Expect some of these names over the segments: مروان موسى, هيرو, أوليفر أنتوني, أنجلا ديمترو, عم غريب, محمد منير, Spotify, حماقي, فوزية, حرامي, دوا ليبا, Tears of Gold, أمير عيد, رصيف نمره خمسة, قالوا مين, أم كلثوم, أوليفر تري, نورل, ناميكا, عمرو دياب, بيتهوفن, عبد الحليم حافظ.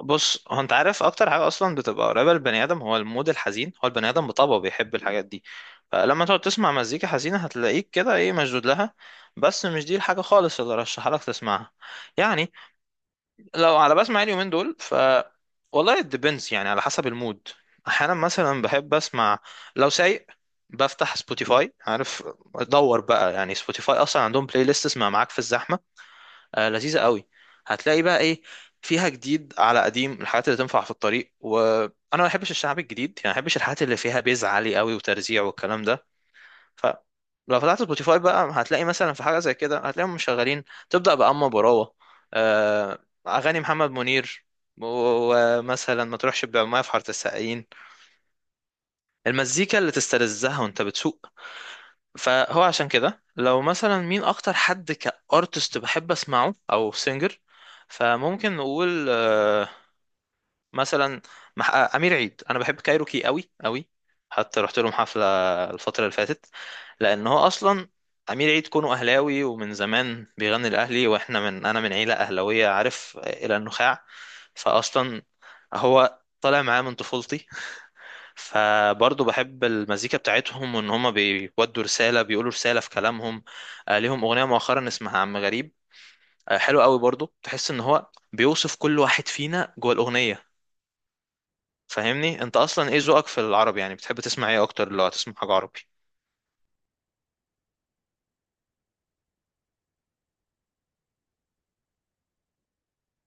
بص، هو انت عارف اكتر حاجه اصلا بتبقى قريبه للبني ادم هو المود الحزين. هو البني ادم بطبعه بيحب الحاجات دي. فلما تقعد تسمع مزيكا حزينه هتلاقيك كده ايه، مشدود لها. بس مش دي الحاجه خالص اللي رشحها لك تسمعها. يعني لو على بسمع إيه اليومين دول، والله ديبنس يعني، على حسب المود. احيانا مثلا بحب اسمع، لو سايق بفتح سبوتيفاي، عارف، ادور بقى. يعني سبوتيفاي اصلا عندهم بلاي ليست اسمها معاك في الزحمه. لذيذة قوي. هتلاقي بقى ايه فيها، جديد على قديم، الحاجات اللي تنفع في الطريق. وانا ما بحبش الشعب الجديد، يعني ما بحبش الحاجات اللي فيها بيز عالي قوي وترزيع والكلام ده. ف لو فتحت سبوتيفاي بقى هتلاقي مثلا في حاجة زي كده، هتلاقيهم مشغلين تبدأ بأما براوة، آه، أغاني محمد منير، ومثلا ما تروحش بعماية في حارة السقايين، المزيكا اللي تستلذها وانت بتسوق. فهو عشان كده، لو مثلا مين اكتر حد كارتست بحب اسمعه او سينجر، فممكن نقول مثلا امير عيد. انا بحب كايروكي قوي قوي، حتى رحت لهم حفله الفتره اللي فاتت. لان هو اصلا امير عيد كونه اهلاوي ومن زمان بيغني الاهلي، واحنا انا من عيله اهلاويه، عارف، الى النخاع. فاصلا هو طالع معاه من طفولتي. فبرضه بحب المزيكا بتاعتهم، وان هما بيودوا رسالة، بيقولوا رسالة في كلامهم. ليهم أغنية مؤخرا اسمها عم غريب، حلو قوي برضه. تحس ان هو بيوصف كل واحد فينا جوه الأغنية. فاهمني انت اصلا ايه ذوقك في العربي؟ يعني بتحب تسمع ايه اكتر لو هتسمع حاجة عربي؟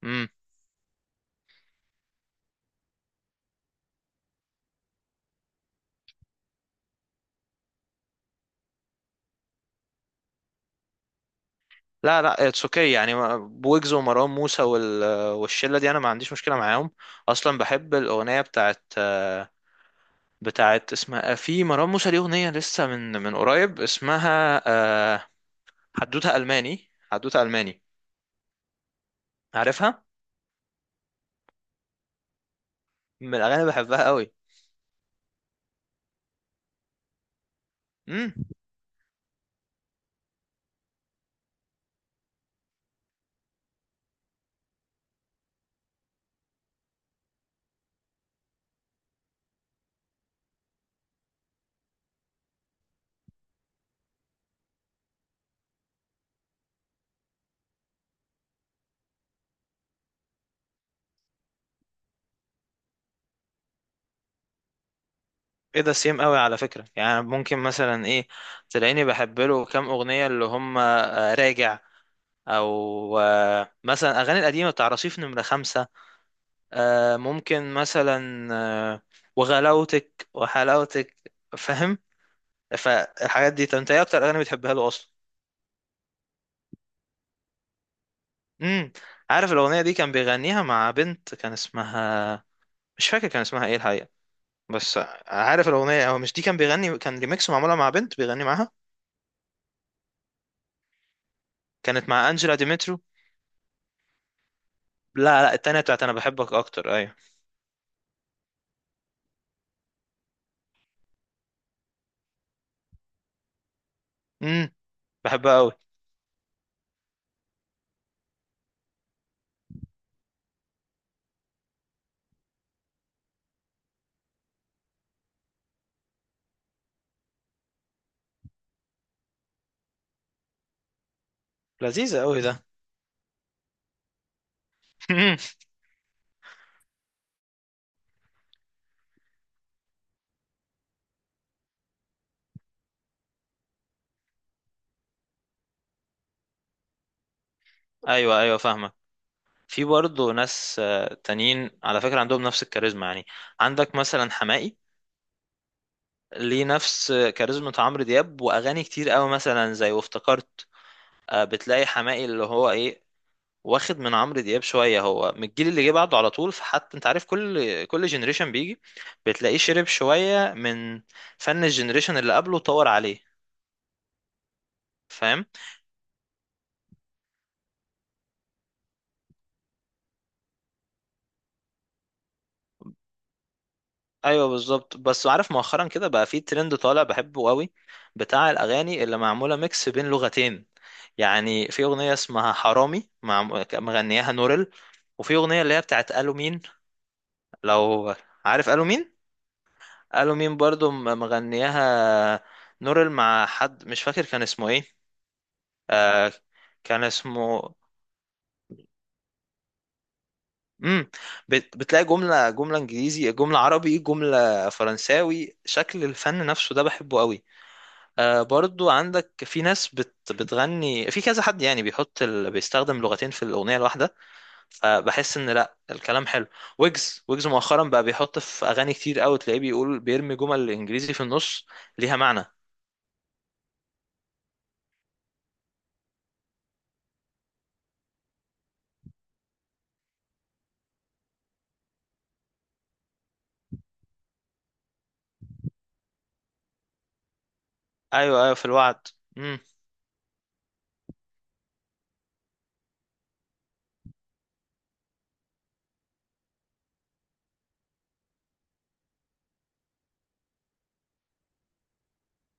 امم، لا لا، اتس اوكي. يعني بويجز ومروان موسى والشلة دي انا ما عنديش مشكلة معاهم. اصلا بحب الأغنية بتاعت اسمها في مروان موسى ليه أغنية لسه، من قريب، اسمها حدوته الماني. عارفها؟ من الاغاني اللي بحبها قوي. امم. ايه ده، سيم قوي على فكره! يعني ممكن مثلا ايه، تلاقيني بحب له كام اغنيه، اللي هم راجع، او مثلا اغاني القديمه بتاع رصيف نمره خمسة. ممكن مثلا وغلاوتك وحلاوتك، فاهم؟ فالحاجات دي. طب انت ايه اكتر اغاني بتحبها له اصلا؟ امم، عارف الاغنيه دي كان بيغنيها مع بنت كان اسمها، مش فاكر كان اسمها ايه الحقيقه. بس عارف الأغنية؟ هو مش دي كان بيغني، كان ريميكس معمولة مع بنت بيغني معاها، كانت مع أنجلا ديمترو. لا لا، التانية، بتاعت أنا بحبك أكتر. أيوة. امم، بحبها أوي. لذيذة أوي ده. أيوة أيوة، فاهمك. في برضه ناس تانيين على فكرة عندهم نفس الكاريزما، يعني عندك مثلا حماقي، ليه نفس كاريزما عمرو دياب، وأغاني كتير أوي مثلا زي وافتكرت. بتلاقي حماقي اللي هو إيه، واخد من عمرو دياب شويه. هو من الجيل اللي جه بعده على طول، فحتى انت عارف، كل جنريشن بيجي بتلاقيه شرب شويه من فن الجنريشن اللي قبله وطور عليه، فاهم؟ ايوه بالظبط. بس عارف مؤخرا كده بقى في ترند طالع بحبه قوي، بتاع الاغاني اللي معموله ميكس بين لغتين. يعني في اغنيه اسمها حرامي، مع مغنياها نورل. وفي اغنيه اللي هي بتاعت قالوا مين، لو عارف قالوا مين. قالوا مين برضو مغنياها نورل، مع حد مش فاكر كان اسمه ايه. آه، كان اسمه، امم. بتلاقي جملة جملة انجليزي، جملة عربي، جملة فرنساوي. شكل الفن نفسه ده بحبه قوي. آه، برضو عندك ناس بتغني في كذا حد، يعني بيحط بيستخدم لغتين في الأغنية الواحدة. فبحس ان لا، الكلام حلو. ويجز، ويجز مؤخرا بقى بيحط في أغاني كتير قوي تلاقيه بيقول، بيرمي جمل انجليزي في النص ليها معنى. ايوه ايوه، في الوعد. امم.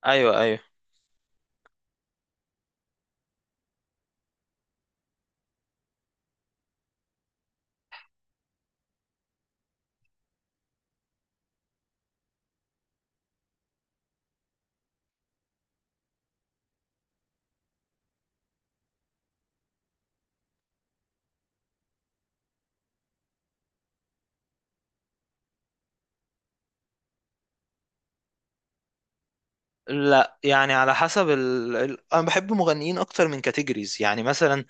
ايوه ايوه. لا يعني على حسب انا بحب مغنيين اكتر من كاتيجوريز. يعني مثلا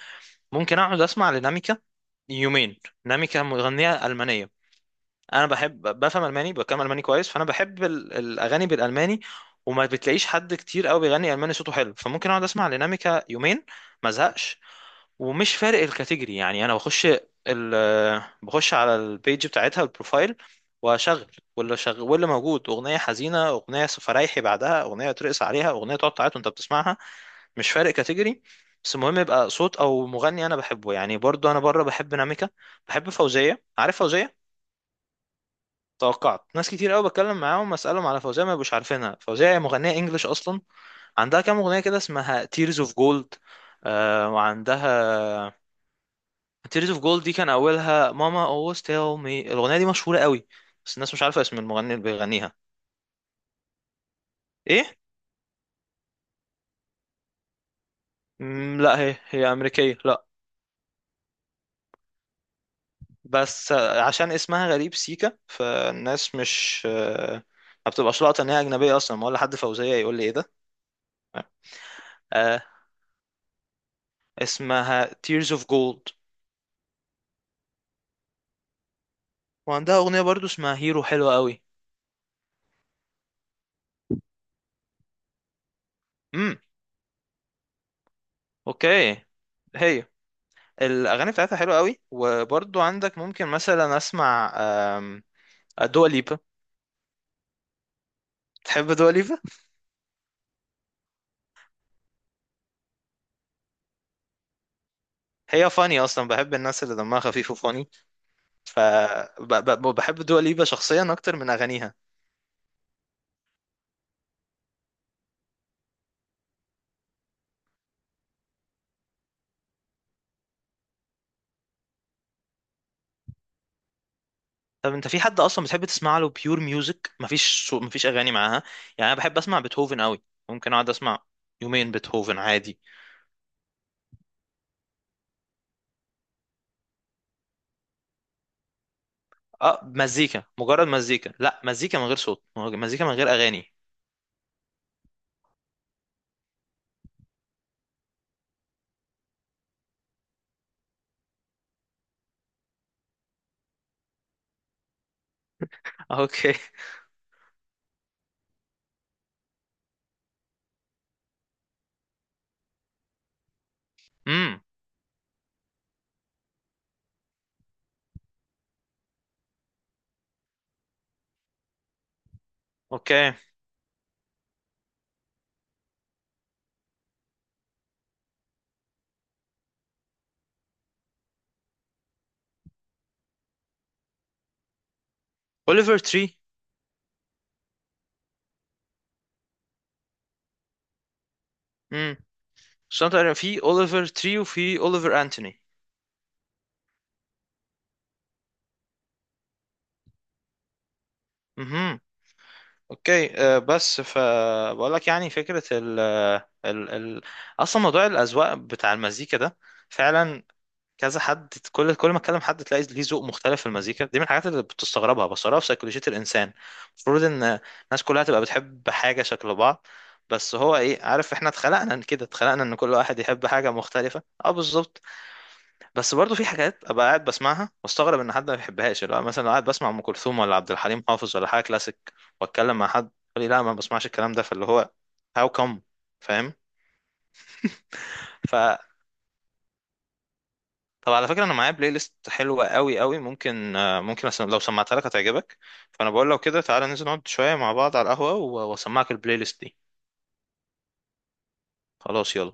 ممكن اقعد اسمع لناميكا يومين. ناميكا مغنية ألمانية، انا بحب، بفهم الماني، بتكلم الماني كويس، فانا بحب الاغاني بالالماني. وما بتلاقيش حد كتير قوي بيغني الماني صوته حلو، فممكن اقعد اسمع ديناميكا يومين ما ازهقش، ومش فارق الكاتيجوري. يعني انا بخش ال بخش على البيج بتاعتها، البروفايل، واشغل. واللي موجود، اغنيه حزينه، اغنيه فرايحي بعدها، اغنيه ترقص عليها، اغنيه تقعد تعيط وانت بتسمعها، مش فارق كاتيجوري. بس المهم يبقى صوت او مغني انا بحبه. يعني برضو انا بره بحب ناميكا، بحب فوزيه. عارف فوزيه؟ توقعت ناس كتير قوي بتكلم معاهم اسالهم على فوزية ما يبقوش عارفينها. فوزية هي مغنية انجلش اصلا، عندها كام اغنية كده اسمها تيرز اوف جولد. وعندها، تيرز اوف جولد دي كان اولها ماما always tell me. الاغنية دي مشهورة قوي، بس الناس مش عارفة اسم المغني اللي بيغنيها. ايه؟ لا، هي هي امريكية، لا. بس عشان اسمها غريب، سيكا، فالناس مش ما بتبقاش لاقطة ان هي اجنبية اصلا. ما ولا حد فوزية يقول لي ايه ده. آه، اسمها Tears of Gold. وعندها اغنيه برضو اسمها هيرو، حلوه قوي. امم، اوكي. هي الاغاني بتاعتها حلوه قوي. وبرضو عندك ممكن مثلا اسمع دوا ليبا. تحب دوا ليبا؟ هي فاني اصلا، بحب الناس اللي دمها خفيف وفاني. فبحب دوا ليبا شخصيا اكتر من اغانيها. طب انت في حد اصلا بتحب تسمع له بيور ميوزك؟ مفيش اغاني معاها. يعني انا بحب اسمع بيتهوفن قوي، ممكن اقعد اسمع يومين بيتهوفن عادي. اه، مزيكا، مجرد مزيكا، لا، مزيكا من غير صوت، مزيكا من غير اغاني. اوكي. امم. اوكي، اوليفر تري. امم، عشان تقريبا في اوليفر تري وفي اوليفر انتوني. امم. اوكي أه. بس فبقول لك، يعني فكره ال ال ال اصلا موضوع الاذواق بتاع المزيكا ده فعلا، كذا حد، كل ما اتكلم حد تلاقي ليه ذوق مختلف في المزيكا. دي من الحاجات اللي بتستغربها بصراحه في سيكولوجيه الانسان. المفروض ان الناس كلها تبقى بتحب حاجه شكل بعض، بس هو ايه، عارف، احنا اتخلقنا كده، اتخلقنا ان كل واحد يحب حاجه مختلفه. اه بالظبط. بس برضو في حاجات ابقى قاعد بسمعها واستغرب ان حد ما بيحبهاش. اللي هو مثلا لو قاعد بسمع ام كلثوم، ولا عبد الحليم حافظ، ولا حاجه كلاسيك، واتكلم مع حد يقول لي لا ما بسمعش الكلام ده، فاللي هو هاو كم؟ فاهم؟ ف طب على فكره، انا معايا بلاي ليست حلوه قوي قوي. ممكن ممكن لو سمعتها لك هتعجبك. فانا بقول لو كده تعالى ننزل نقعد شويه مع بعض على القهوه، واسمعك البلاي ليست دي. خلاص، يلا.